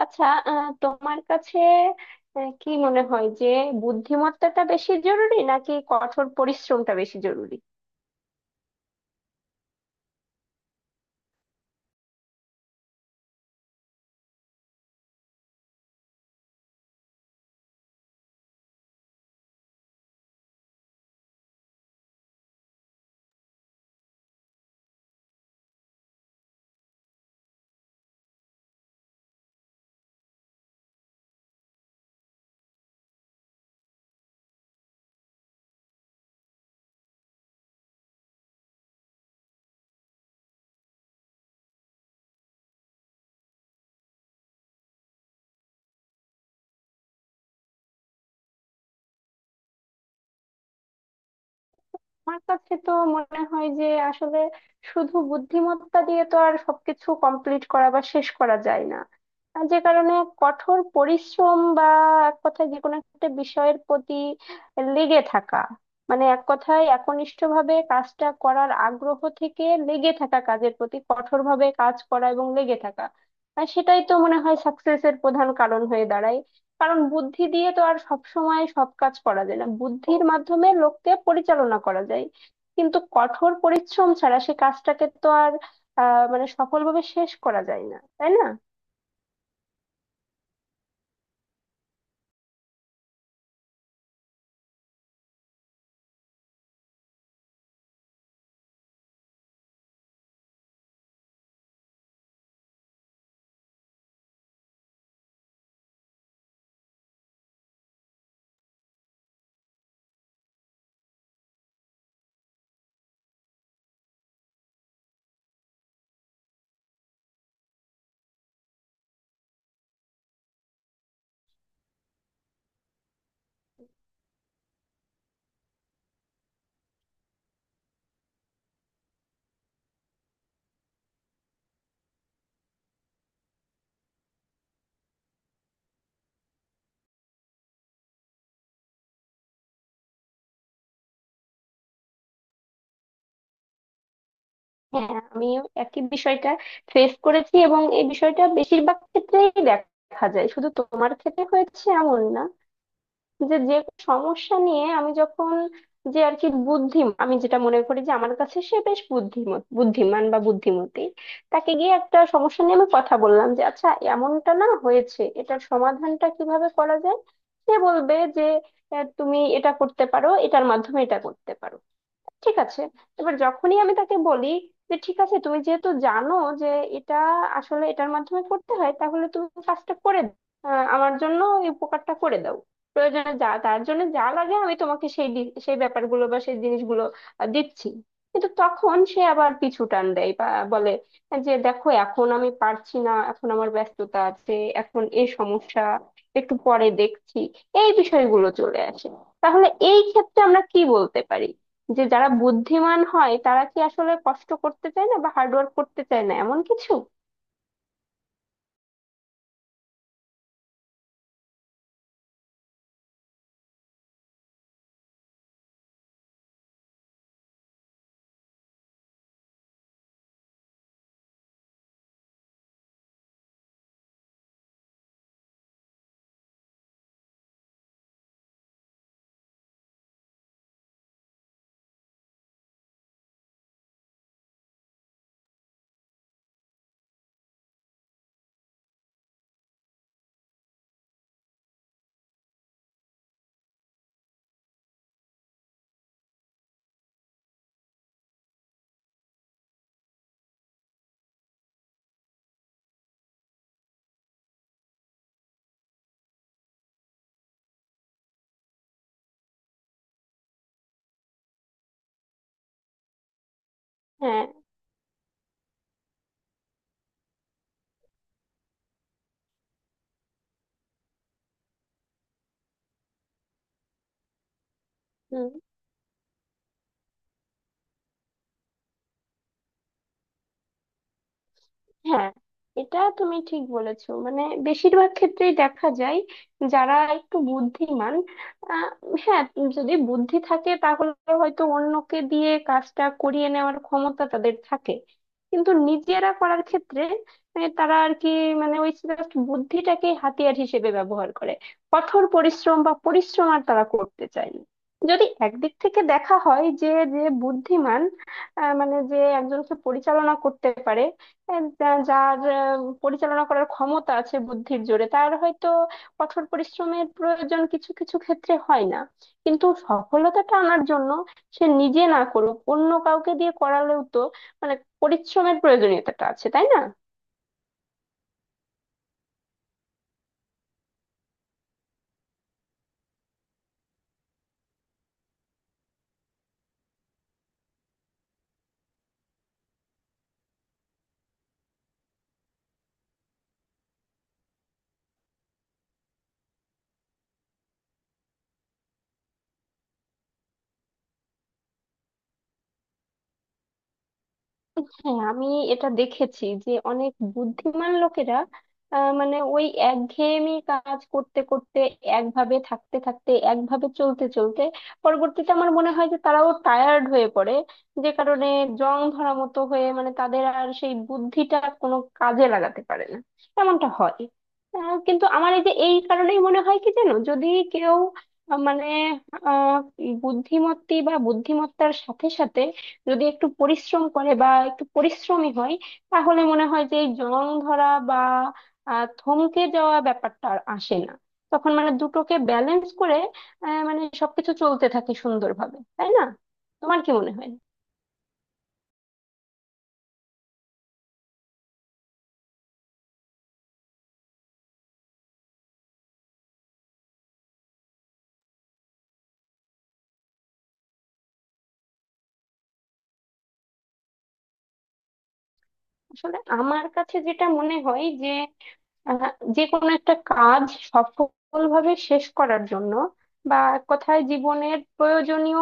আচ্ছা, তোমার কাছে কি মনে হয় যে বুদ্ধিমত্তাটা বেশি জরুরি নাকি কঠোর পরিশ্রমটা বেশি জরুরি? আমার কাছে তো মনে হয় যে আসলে শুধু বুদ্ধিমত্তা দিয়ে তো আর সবকিছু কমপ্লিট করা বা শেষ করা যায় না। আর যে কারণে কঠোর পরিশ্রম বা এক কথায় যে কোনো একটা বিষয়ের প্রতি লেগে থাকা, মানে এক কথায় একনিষ্ঠভাবে কাজটা করার আগ্রহ থেকে লেগে থাকা কাজের প্রতি কঠোরভাবে কাজ করা এবং লেগে থাকা, আর সেটাই তো মনে হয় সাকসেসের প্রধান কারণ হয়ে দাঁড়ায়। কারণ বুদ্ধি দিয়ে তো আর সব সময় সব কাজ করা যায় না, বুদ্ধির মাধ্যমে লোককে পরিচালনা করা যায়, কিন্তু কঠোর পরিশ্রম ছাড়া সে কাজটাকে তো আর মানে সফলভাবে শেষ করা যায় না, তাই না? হ্যাঁ, আমি একই বিষয়টা ফেস করেছি এবং এই বিষয়টা বেশিরভাগ ক্ষেত্রেই দেখা যায়, শুধু তোমার ক্ষেত্রে হয়েছে এমন না। যে যে সমস্যা নিয়ে আমি যখন, যে আর কি বুদ্ধি, আমি যেটা মনে করি যে আমার কাছে সে বেশ বুদ্ধিমান বা বুদ্ধিমতী, তাকে গিয়ে একটা সমস্যা নিয়ে আমি কথা বললাম যে আচ্ছা এমনটা না হয়েছে, এটার সমাধানটা কিভাবে করা যায়। সে বলবে যে তুমি এটা করতে পারো, এটার মাধ্যমে এটা করতে পারো। ঠিক আছে, এবার যখনই আমি তাকে বলি যে ঠিক আছে তুমি যেহেতু জানো যে এটা আসলে এটার মাধ্যমে করতে হয়, তাহলে তুমি কাজটা করে দাও। আমার জন্য এই উপকারটা করে দাও, প্রয়োজনে যা তার জন্য যা লাগে আমি তোমাকে সেই সেই ব্যাপারগুলো বা সেই জিনিসগুলো দিচ্ছি। কিন্তু তখন সে আবার পিছু টান দেয় বা বলে যে দেখো এখন আমি পারছি না, এখন আমার ব্যস্ততা আছে, এখন এই সমস্যা একটু পরে দেখছি। এই বিষয়গুলো চলে আসে। তাহলে এই ক্ষেত্রে আমরা কি বলতে পারি যে যারা বুদ্ধিমান হয় তারা কি আসলে কষ্ট করতে চায় না বা হার্ড ওয়ার্ক করতে চায় না, এমন কিছু? হ্যাঁ। হুম। হ্যাঁ, এটা তুমি ঠিক বলেছো, মানে বেশিরভাগ ক্ষেত্রেই দেখা যায় যারা একটু বুদ্ধিমান, আহ, হ্যাঁ, যদি বুদ্ধি থাকে তাহলে হয়তো অন্যকে দিয়ে কাজটা করিয়ে নেওয়ার ক্ষমতা তাদের থাকে, কিন্তু নিজেরা করার ক্ষেত্রে, মানে তারা আর কি, মানে ওই জাস্ট বুদ্ধিটাকে হাতিয়ার হিসেবে ব্যবহার করে, কঠোর পরিশ্রম বা পরিশ্রম আর তারা করতে চায় না। যদি একদিক থেকে দেখা হয় যে, যে বুদ্ধিমান মানে যে একজনকে পরিচালনা করতে পারে, এ, যার পরিচালনা করার ক্ষমতা আছে বুদ্ধির জোরে, তার হয়তো কঠোর পরিশ্রমের প্রয়োজন কিছু কিছু ক্ষেত্রে হয় না। কিন্তু সফলতাটা আনার জন্য সে নিজে না করুক, অন্য কাউকে দিয়ে করালেও তো মানে পরিশ্রমের প্রয়োজনীয়তাটা আছে, তাই না? হ্যাঁ, আমি এটা দেখেছি যে অনেক বুদ্ধিমান লোকেরা মানে ওই একঘেয়েমি কাজ করতে করতে, একভাবে থাকতে থাকতে, একভাবে চলতে চলতে পরবর্তীতে আমার মনে হয় যে তারাও টায়ার্ড হয়ে পড়ে। যে কারণে জং ধরা মতো হয়ে, মানে তাদের আর সেই বুদ্ধিটা কোনো কাজে লাগাতে পারে না, এমনটা হয়। কিন্তু আমার এই যে এই কারণেই মনে হয় কি জানো, যদি কেউ আহ, মানে আহ বুদ্ধিমত্তি বা বুদ্ধিমত্তার সাথে সাথে যদি একটু পরিশ্রম করে বা একটু পরিশ্রমী হয়, তাহলে মনে হয় যে এই জং ধরা বা থমকে যাওয়া ব্যাপারটা আর আসে না। তখন মানে দুটোকে ব্যালেন্স করে মানে সবকিছু চলতে থাকে সুন্দরভাবে, তাই না? তোমার কি মনে হয়? আসলে আমার কাছে যেটা মনে হয় যে আহ, যে কোনো একটা কাজ সফলভাবে শেষ করার জন্য বা এক কথায় জীবনের প্রয়োজনীয়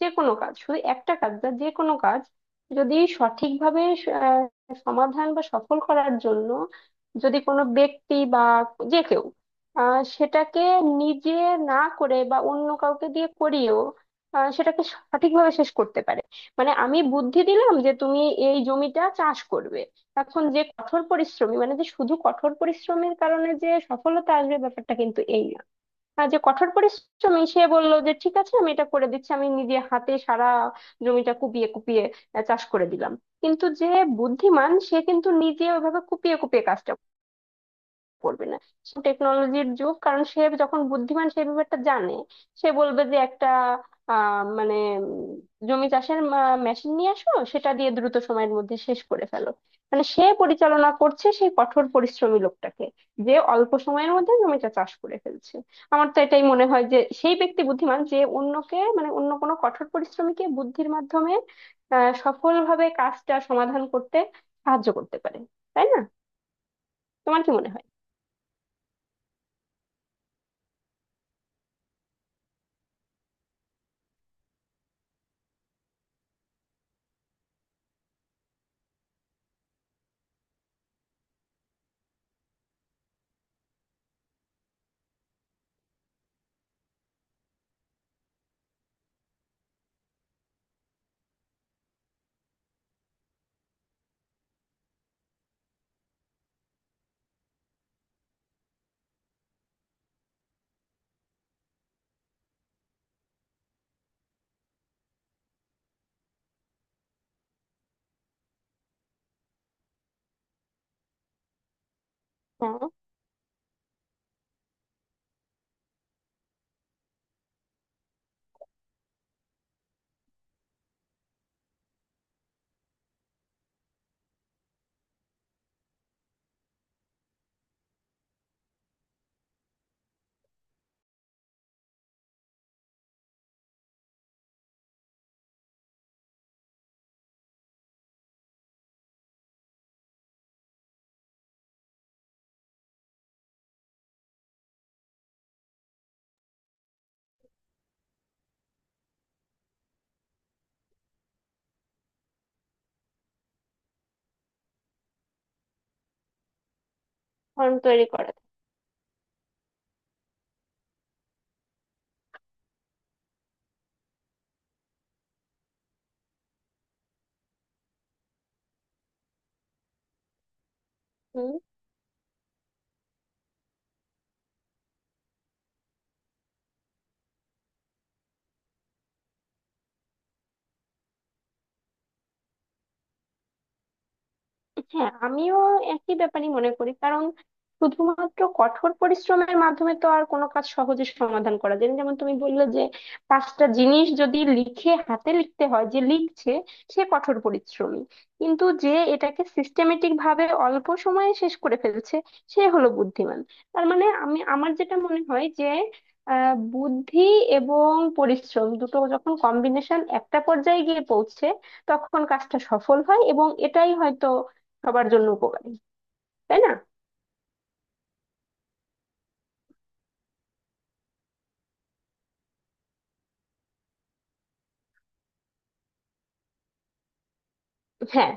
যে কোনো কাজ, শুধু একটা কাজ না, যে কোনো কাজ যদি সঠিকভাবে সমাধান বা সফল করার জন্য, যদি কোনো ব্যক্তি বা যে কেউ সেটাকে নিজে না করে বা অন্য কাউকে দিয়ে করিয়েও সেটাকে সঠিকভাবে শেষ করতে পারে। মানে আমি বুদ্ধি দিলাম যে তুমি এই জমিটা চাষ করবে, এখন যে কঠোর পরিশ্রমী, মানে যে শুধু কঠোর পরিশ্রমের কারণে যে সফলতা আসবে ব্যাপারটা কিন্তু এই না। আর যে কঠোর পরিশ্রমী সে বললো যে ঠিক আছে আমি এটা করে দিচ্ছি, আমি নিজে হাতে সারা জমিটা কুপিয়ে কুপিয়ে চাষ করে দিলাম। কিন্তু যে বুদ্ধিমান সে কিন্তু নিজে ওইভাবে কুপিয়ে কুপিয়ে কাজটা করবে না, টেকনোলজির যুগ, কারণ সে যখন বুদ্ধিমান সেই ব্যাপারটা জানে। সে বলবে যে একটা আহ মানে জমি চাষের মেশিন নিয়ে আসো, সেটা দিয়ে দ্রুত সময়ের মধ্যে শেষ করে ফেলো। মানে সে পরিচালনা করছে সেই কঠোর পরিশ্রমী লোকটাকে, যে অল্প সময়ের মধ্যে জমিটা চাষ করে ফেলছে। আমার তো এটাই মনে হয় যে সেই ব্যক্তি বুদ্ধিমান যে অন্যকে, মানে অন্য কোনো কঠোর পরিশ্রমীকে বুদ্ধির মাধ্যমে সফলভাবে কাজটা সমাধান করতে সাহায্য করতে পারে, তাই না? তোমার কি মনে হয়? হ্যাঁ। ফর্ম তৈরি করা থাকে। হুম। হ্যাঁ, আমিও একই ব্যাপারই মনে করি, কারণ শুধুমাত্র কঠোর পরিশ্রমের মাধ্যমে তো আর কোনো কাজ সহজে সমাধান করা যায় না। যেমন তুমি বললে যে 5টা জিনিস যদি লিখে, হাতে লিখতে হয়, যে লিখছে সে কঠোর পরিশ্রমী, কিন্তু যে এটাকে সিস্টেমেটিক ভাবে অল্প সময়ে শেষ করে ফেলছে সে হলো বুদ্ধিমান। তার মানে আমি, আমার যেটা মনে হয় যে বুদ্ধি এবং পরিশ্রম দুটো যখন কম্বিনেশন একটা পর্যায়ে গিয়ে পৌঁছে, তখন কাজটা সফল হয় এবং এটাই হয়তো সবার জন্য উপকারী, তাই না? হ্যাঁ।